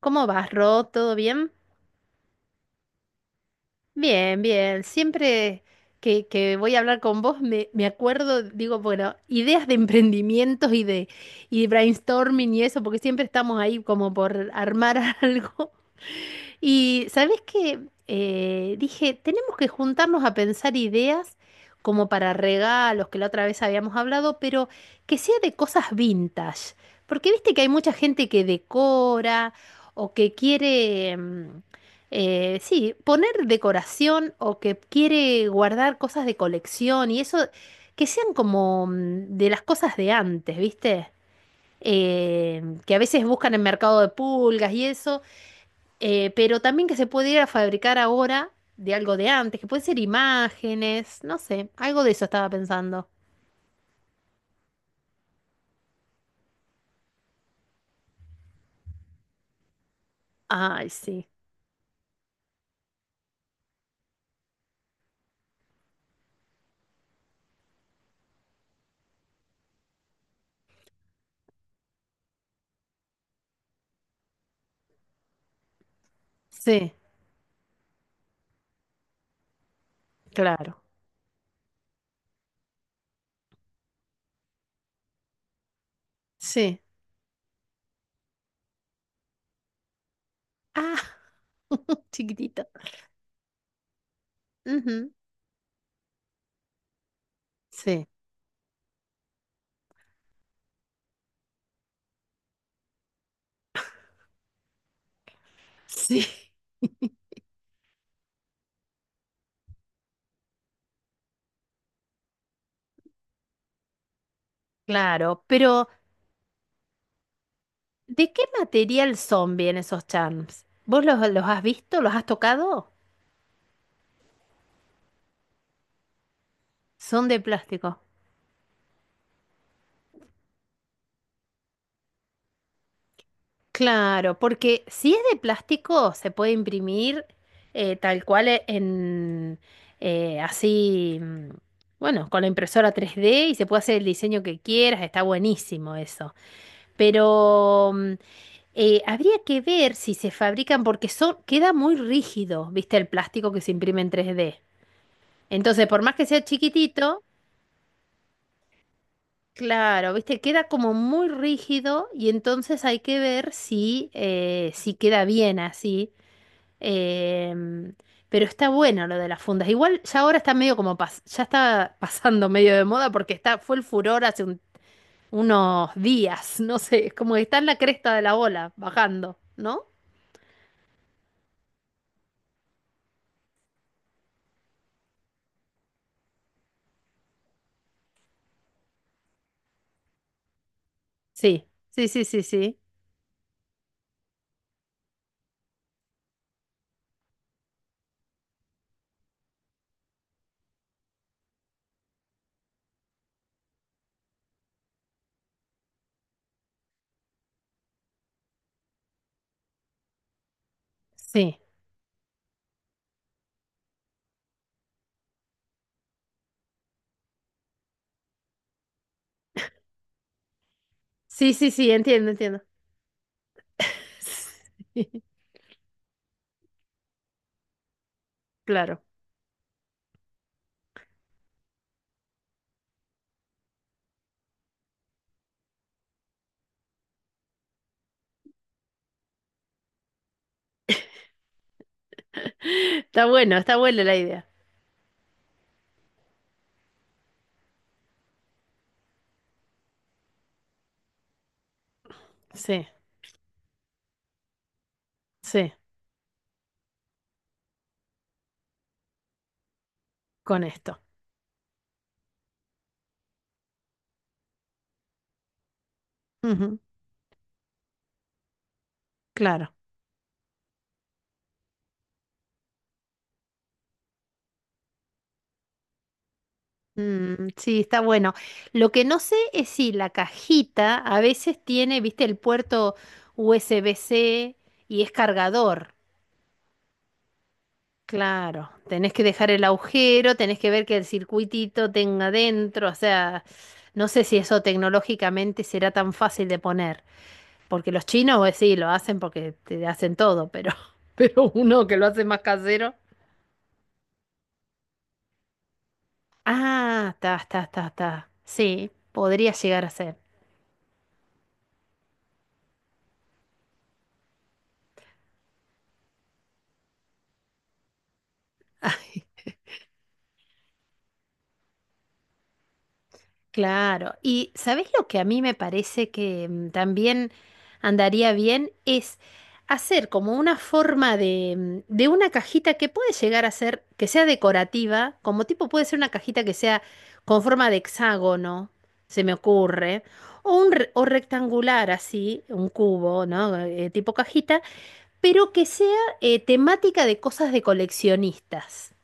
¿Cómo vas, Ro? ¿Todo bien? Bien, bien. Siempre que voy a hablar con vos me acuerdo, digo, bueno, ideas de emprendimientos y de brainstorming y eso, porque siempre estamos ahí como por armar algo. Y ¿sabés qué? Dije, tenemos que juntarnos a pensar ideas como para regalos, que la otra vez habíamos hablado, pero que sea de cosas vintage. Porque viste que hay mucha gente que decora o que quiere sí, poner decoración o que quiere guardar cosas de colección y eso, que sean como de las cosas de antes, ¿viste? Que a veces buscan en mercado de pulgas y eso, pero también que se puede ir a fabricar ahora de algo de antes, que pueden ser imágenes, no sé, algo de eso estaba pensando. Ay, sí, sí, claro, sí. Ah, chiquitito. Ujú. Sí, sí, claro, pero... ¿De qué material son bien esos charms? ¿Vos los has visto? ¿Los has tocado? Son de plástico. Claro, porque si es de plástico se puede imprimir tal cual en así, bueno, con la impresora 3D y se puede hacer el diseño que quieras, está buenísimo eso. Pero habría que ver si se fabrican porque son, queda muy rígido, ¿viste? El plástico que se imprime en 3D. Entonces, por más que sea chiquitito. Claro, viste, queda como muy rígido y entonces hay que ver si, si queda bien así. em, pero está bueno lo de las fundas. Igual ya ahora está medio como ya está pasando medio de moda porque está, fue el furor hace unos días, no sé, es como que está en la cresta de la ola, bajando, ¿no? Sí, sí, sí, sí, sí. Sí, sí, sí, sí, entiendo, entiendo. Sí, claro. Está bueno, está buena la idea. Sí, sí, con esto. Ujú. Claro. Mm, sí, está bueno. Lo que no sé es si la cajita a veces tiene, viste, el puerto USB-C y es cargador. Claro, tenés que dejar el agujero, tenés que ver que el circuitito tenga dentro, o sea, no sé si eso tecnológicamente será tan fácil de poner, porque los chinos, pues sí, lo hacen porque te hacen todo, pero, pero uno que lo hace más casero. Ah, está, está, está, está. Sí, podría llegar a ser. Claro, y ¿sabés lo que a mí me parece que también andaría bien? Es hacer como una forma de, de una cajita que puede llegar a ser, que sea decorativa, como tipo puede ser una cajita que sea con forma de hexágono, se me ocurre, o un o rectangular así, un cubo, ¿no? Tipo cajita, pero que sea temática de cosas de coleccionistas.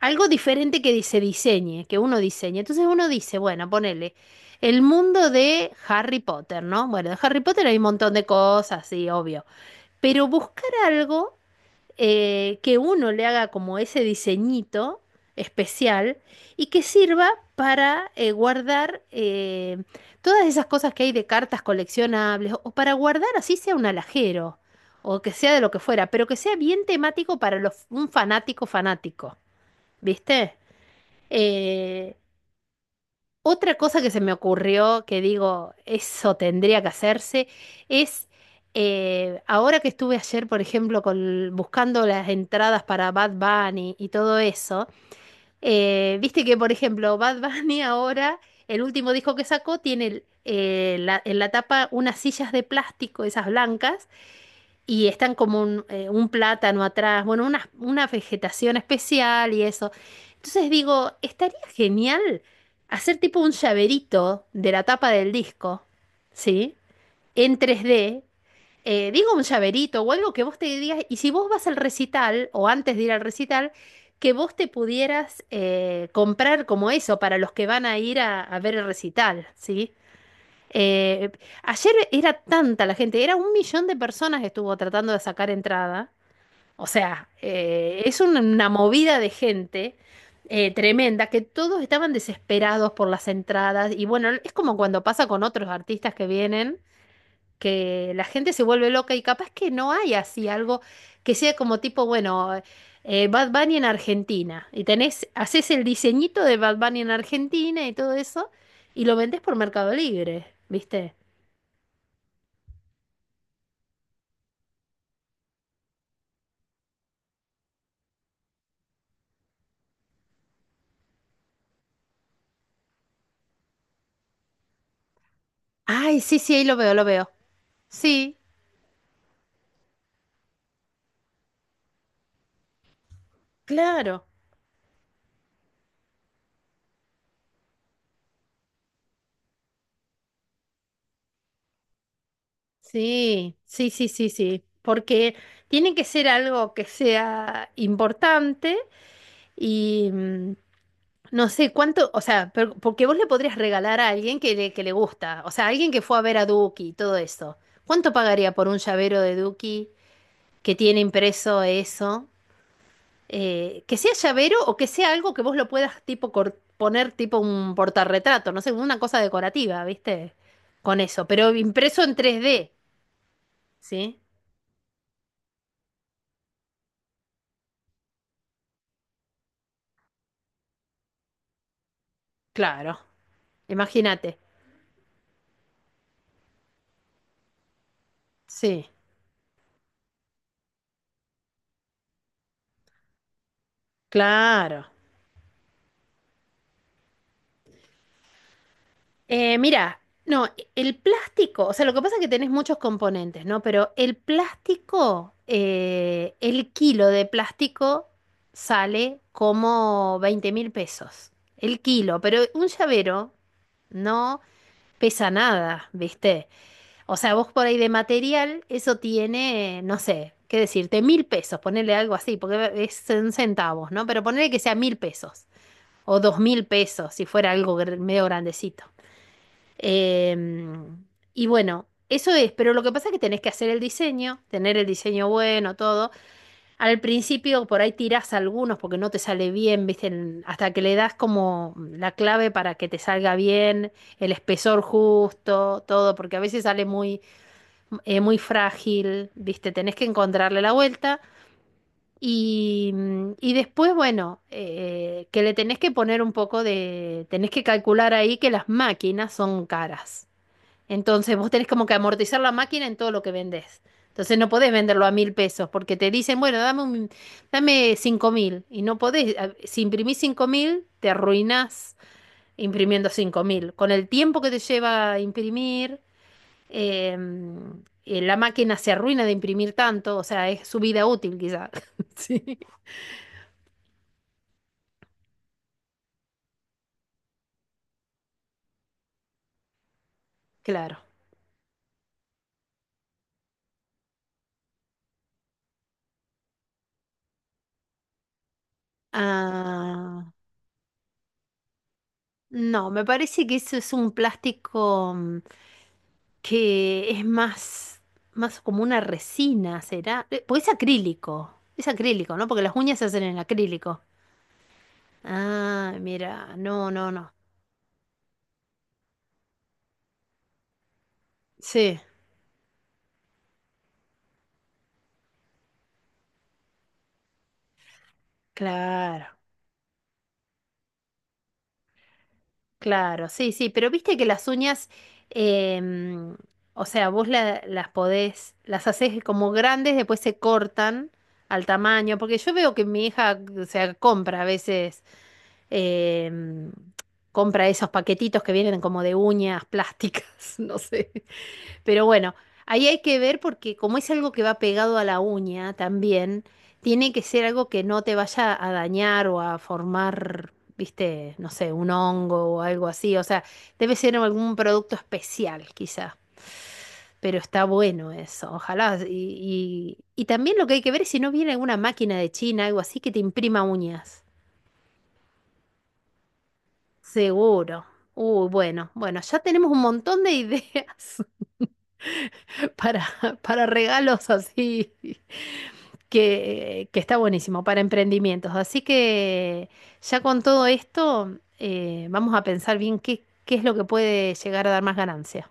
Algo diferente que se diseñe, que uno diseñe. Entonces uno dice, bueno, ponele el mundo de Harry Potter, ¿no? Bueno, de Harry Potter hay un montón de cosas, sí, obvio. Pero buscar algo que uno le haga como ese diseñito especial y que sirva para guardar todas esas cosas que hay de cartas coleccionables o para guardar así sea un alajero o que sea de lo que fuera, pero que sea bien temático para un fanático fanático, ¿viste? Eh, Otra cosa que se me ocurrió, que digo, eso tendría que hacerse, es ahora que estuve ayer, por ejemplo, con, buscando las entradas para Bad Bunny y todo eso, viste que, por ejemplo, Bad Bunny ahora, el último disco que sacó, tiene en la tapa unas sillas de plástico, esas blancas, y están como un plátano atrás, bueno, una vegetación especial y eso. Entonces digo, estaría genial hacer tipo un llaverito de la tapa del disco, ¿sí? En 3D. Digo un llaverito o algo que vos te digas, y si vos vas al recital o antes de ir al recital, que vos te pudieras comprar como eso para los que van a ir a ver el recital, ¿sí? Eh, Ayer era tanta la gente, era un millón de personas que estuvo tratando de sacar entrada. O sea, es una movida de gente tremenda que todos estaban desesperados por las entradas. Y bueno, es como cuando pasa con otros artistas que vienen, que la gente se vuelve loca y capaz que no hay así algo que sea como tipo, bueno, Bad Bunny en Argentina. Y tenés, haces el diseñito de Bad Bunny en Argentina y todo eso y lo vendés por Mercado Libre, ¿viste? Ay, sí, sí, ahí lo veo, lo veo. Sí, claro. Sí, sí, sí, sí, sí. Porque tiene que ser algo que sea importante y no sé cuánto, o sea, porque vos le podrías regalar a alguien que le gusta, o sea, alguien que fue a ver a Duki y todo eso. ¿Cuánto pagaría por un llavero de Duki que tiene impreso eso? Que sea llavero o que sea algo que vos lo puedas tipo poner tipo un portarretrato, no sé, una cosa decorativa, ¿viste? Con eso, pero impreso en 3D, ¿sí? Claro, imagínate. Sí, claro. Mira, no, el plástico, o sea, lo que pasa es que tenés muchos componentes, ¿no? Pero el plástico, el kilo de plástico sale como 20.000 pesos. El kilo, pero un llavero, no pesa nada, ¿viste? O sea, vos por ahí de material, eso tiene, no sé, qué decirte, 1.000 pesos, ponerle algo así, porque es en centavos, ¿no? Pero ponerle que sea 1.000 pesos o 2.000 pesos, si fuera algo medio grandecito. Em, y bueno, eso es, pero lo que pasa es que tenés que hacer el diseño, tener el diseño bueno, todo. Al principio por ahí tirás algunos porque no te sale bien, ¿viste? Hasta que le das como la clave para que te salga bien, el espesor justo, todo, porque a veces sale muy, muy frágil, ¿viste? Tenés que encontrarle la vuelta. Y después, bueno, que le tenés que poner un poco de... Tenés que calcular ahí que las máquinas son caras. Entonces vos tenés como que amortizar la máquina en todo lo que vendés. Entonces no podés venderlo a 1.000 pesos porque te dicen, bueno, dame 5.000. Y no podés, si imprimís 5.000, te arruinás imprimiendo 5.000. Con el tiempo que te lleva a imprimir, la máquina se arruina de imprimir tanto, o sea, es su vida útil quizá. Sí, claro. Ah, no, me parece que eso es un plástico que es más, más como una resina, ¿será? Porque es acrílico, ¿no? Porque las uñas se hacen en acrílico. Ah, mira, no, no, no. Sí, claro. Claro, sí, sí, pero viste que las uñas, em, o sea, vos las podés, las haces como grandes, después se cortan al tamaño, porque yo veo que mi hija, o sea, compra a veces, em, compra esos paquetitos que vienen como de uñas plásticas, no sé. Pero bueno, ahí hay que ver porque como es algo que va pegado a la uña también, tiene que ser algo que no te vaya a dañar o a formar, viste, no sé, un hongo o algo así. O sea, debe ser algún producto especial quizá. Pero está bueno eso, ojalá. Y y también lo que hay que ver es si no viene alguna máquina de China, algo así, que te imprima uñas. Seguro. Uy, bueno, bueno, ya tenemos un montón de ideas. para, para regalos así, que está buenísimo, para emprendimientos. Así que ya con todo esto, vamos a pensar bien qué, es lo que puede llegar a dar más ganancia.